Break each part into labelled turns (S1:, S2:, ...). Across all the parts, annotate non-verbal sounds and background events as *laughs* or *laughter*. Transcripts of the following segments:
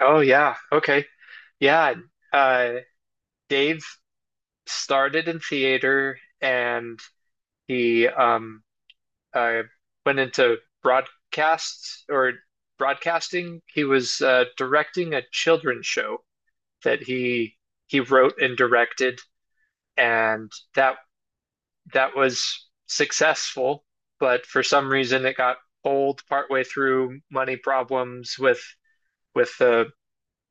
S1: Oh yeah. Okay. Yeah. Uh Dave started in theater and he uh went into broadcasts or broadcasting. He was directing a children's show that he wrote and directed and that was successful, but for some reason it got old partway through, money problems with the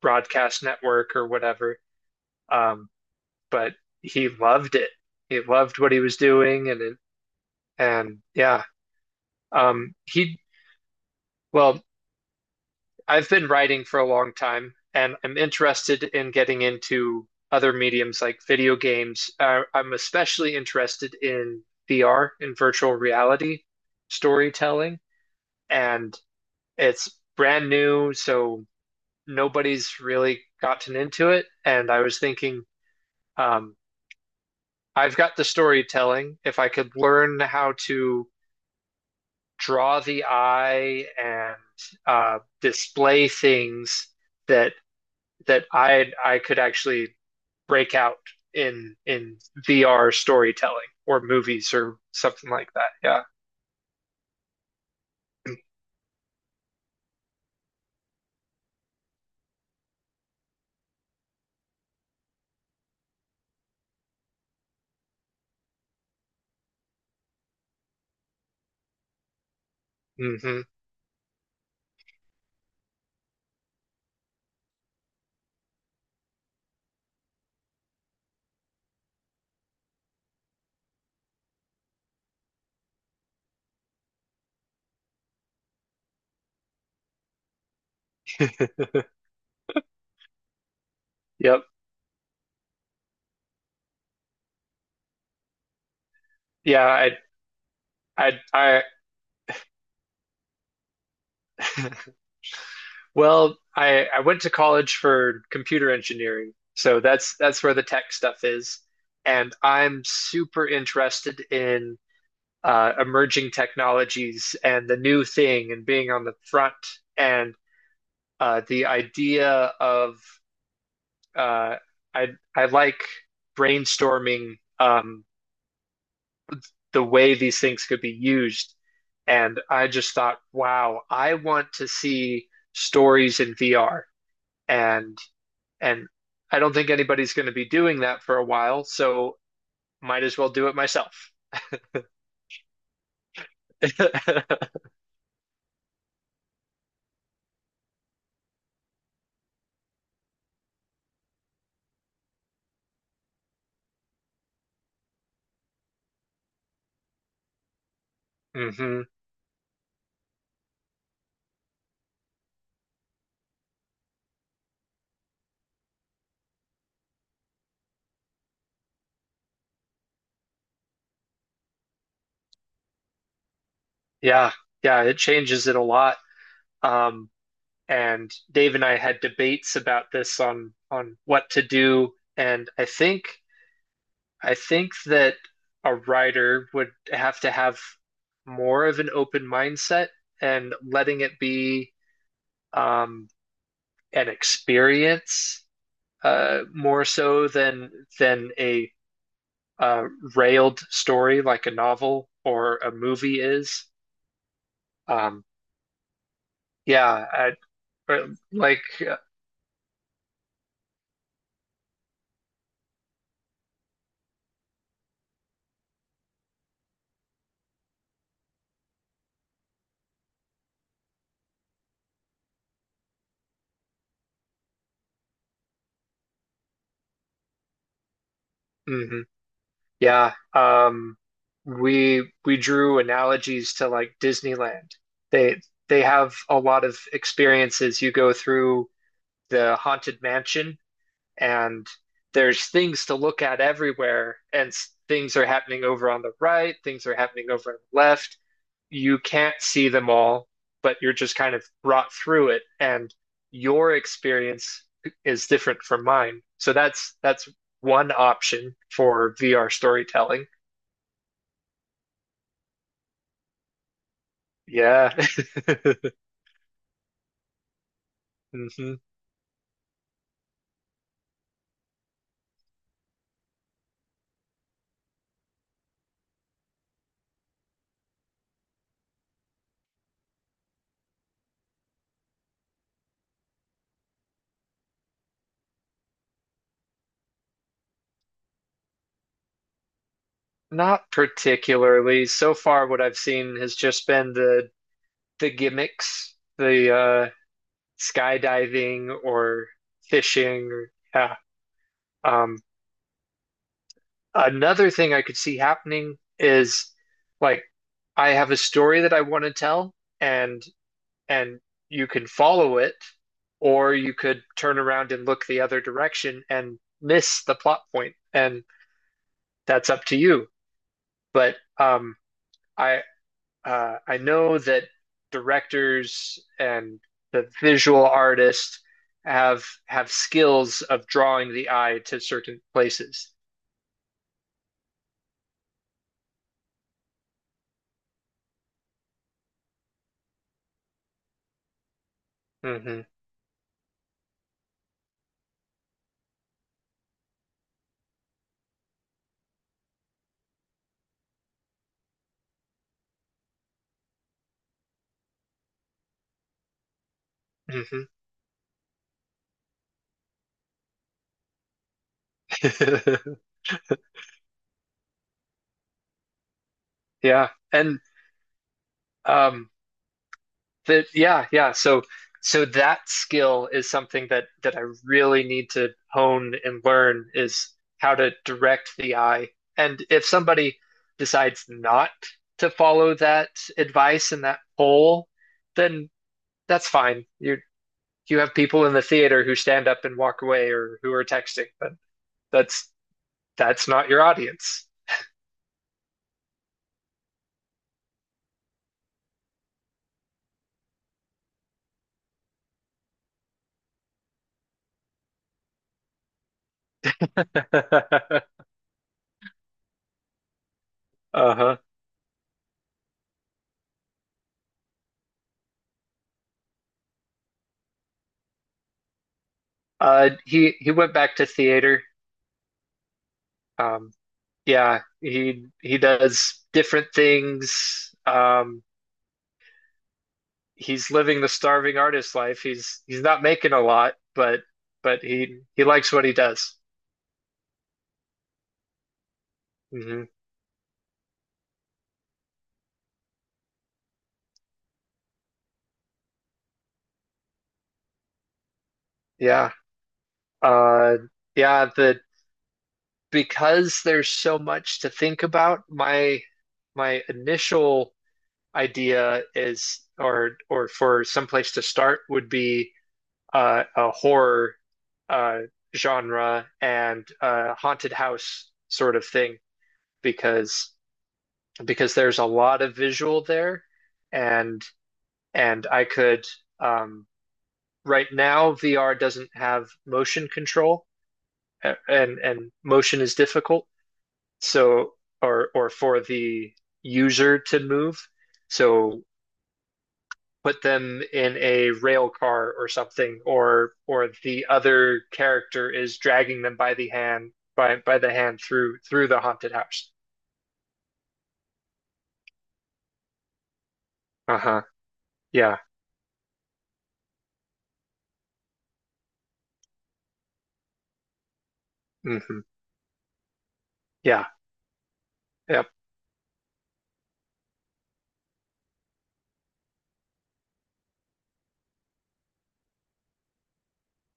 S1: broadcast network or whatever. Um but he loved it. He loved what he was doing, and yeah, he, well, I've been writing for a long time, and I'm interested in getting into other mediums like video games. I'm especially interested in VR, in virtual reality storytelling, and it's brand new, so nobody's really gotten into it. And I was thinking, um, I've got the storytelling. If I could learn how to draw the eye and display things that that I could actually break out in VR storytelling or movies or something like that. Yeah. Hmm. Yep. Yeah. I I *laughs* well, I went to college for computer engineering, so that's where the tech stuff is, and I'm super interested in emerging technologies and the new thing and being on the front. And the idea of uh, I I like brainstorming the way these things could be used. And I just thought, wow, I want to see stories in VR. And and I don't think anybody's going to be doing that for a while, so might as well do it myself. *laughs* Hmm. Yeah, yeah, it changes it a lot. Um, and Dave and I had debates about this on what to do. And I think that a writer would have to have more of an open mindset and letting it be um, an experience, more so than a uh, railed story like a novel or a movie is. Um, yeah, I, or like. Mhm. Yeah, we drew analogies to like Disneyland. They they have a lot of experiences. You go through the Haunted Mansion, and there's things to look at everywhere, and things are happening over on the right, things are happening over on the left. You can't see them all, but you're just kind of brought through it, and your experience is different from mine. So that's one option for VR storytelling. Yeah. *laughs* Hmm. Not particularly. So far, what I've seen has just been the gimmicks, the skydiving or fishing. Or, yeah. Um, Another thing I could see happening is, like, I have a story that I want to tell, and and you can follow it, or you could turn around and look the other direction and miss the plot point, and that's up to you. But I I know that directors and the visual artists have skills of drawing the eye to certain places. Hmm. Hmm. *laughs* Yeah, and um, that yeah, yeah. So so that skill is something that I really need to hone and learn is how to direct the eye. And if somebody decides not to follow that advice and that poll, then that's fine. You have people in the theater who stand up and walk away or who are texting, but that's that's not your audience. *laughs* Uh-huh. He went back to theater. Um, yeah, he does different things. He's living the starving artist life. He's not making a lot, but he likes what he does. Hmm. Yeah. Uh, yeah. The, because there's so much to think about, my initial idea is, or for some place to start would be, a horror uh, genre and a haunted house sort of thing because there's a lot of visual there and and I could, um, right now VR doesn't have motion control, and motion is difficult. So, or for the user to move. So put them in a rail car or something, or the other character is dragging them by the hand, by the hand, through the haunted house. Uh-huh. Yeah. Hmm. Yeah. Yep.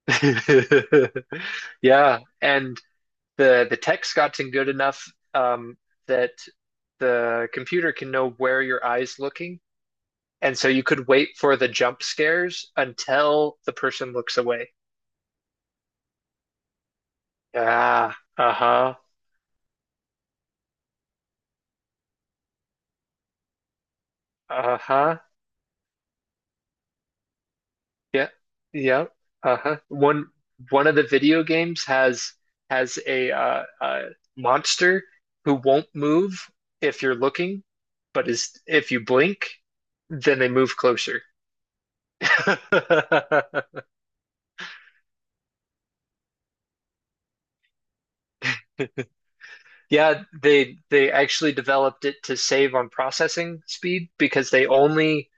S1: *laughs* Yeah. And the text gotten good enough, um, that the computer can know where your eye's looking. And so you could wait for the jump scares until the person looks away. Ah, uh-huh, uh-huh. Yeah, yeah, uh-huh. One of the video games has a monster who won't move if you're looking, but is, if you blink, then they move closer. *laughs* Yeah, they actually developed it to save on processing speed because they only,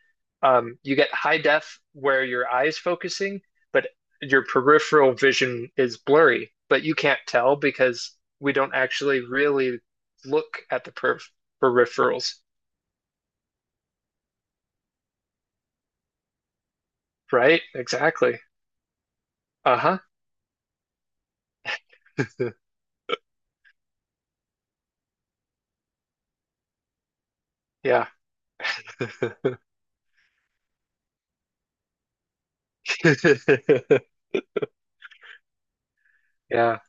S1: you get high def where your eye is focusing, but your peripheral vision is blurry, but you can't tell because we don't actually really look at the peripherals, right? Exactly. Uh-huh. *laughs* Yeah. *laughs* Yeah.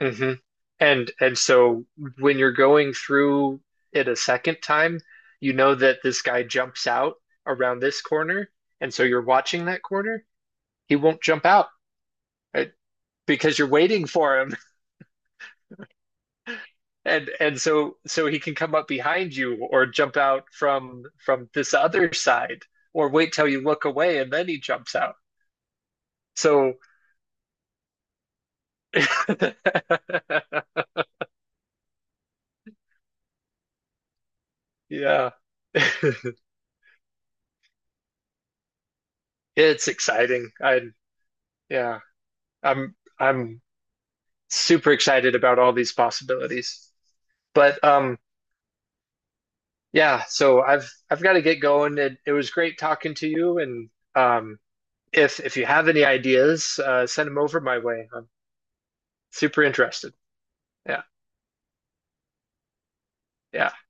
S1: Hmm. And so when you're going through it a second time, you know that this guy jumps out around this corner, and so you're watching that corner. He won't jump out, uh, because you're waiting for him, *laughs* and so so he can come up behind you or jump out from this other side, or wait till you look away and then he jumps out. So *laughs* yeah, *laughs* it's exciting. I Yeah, I'm super excited about all these possibilities. But yeah, so I've got to get going. It was great talking to you, and um, if you have any ideas, send them over my way. I'm super interested. Yeah, yeah.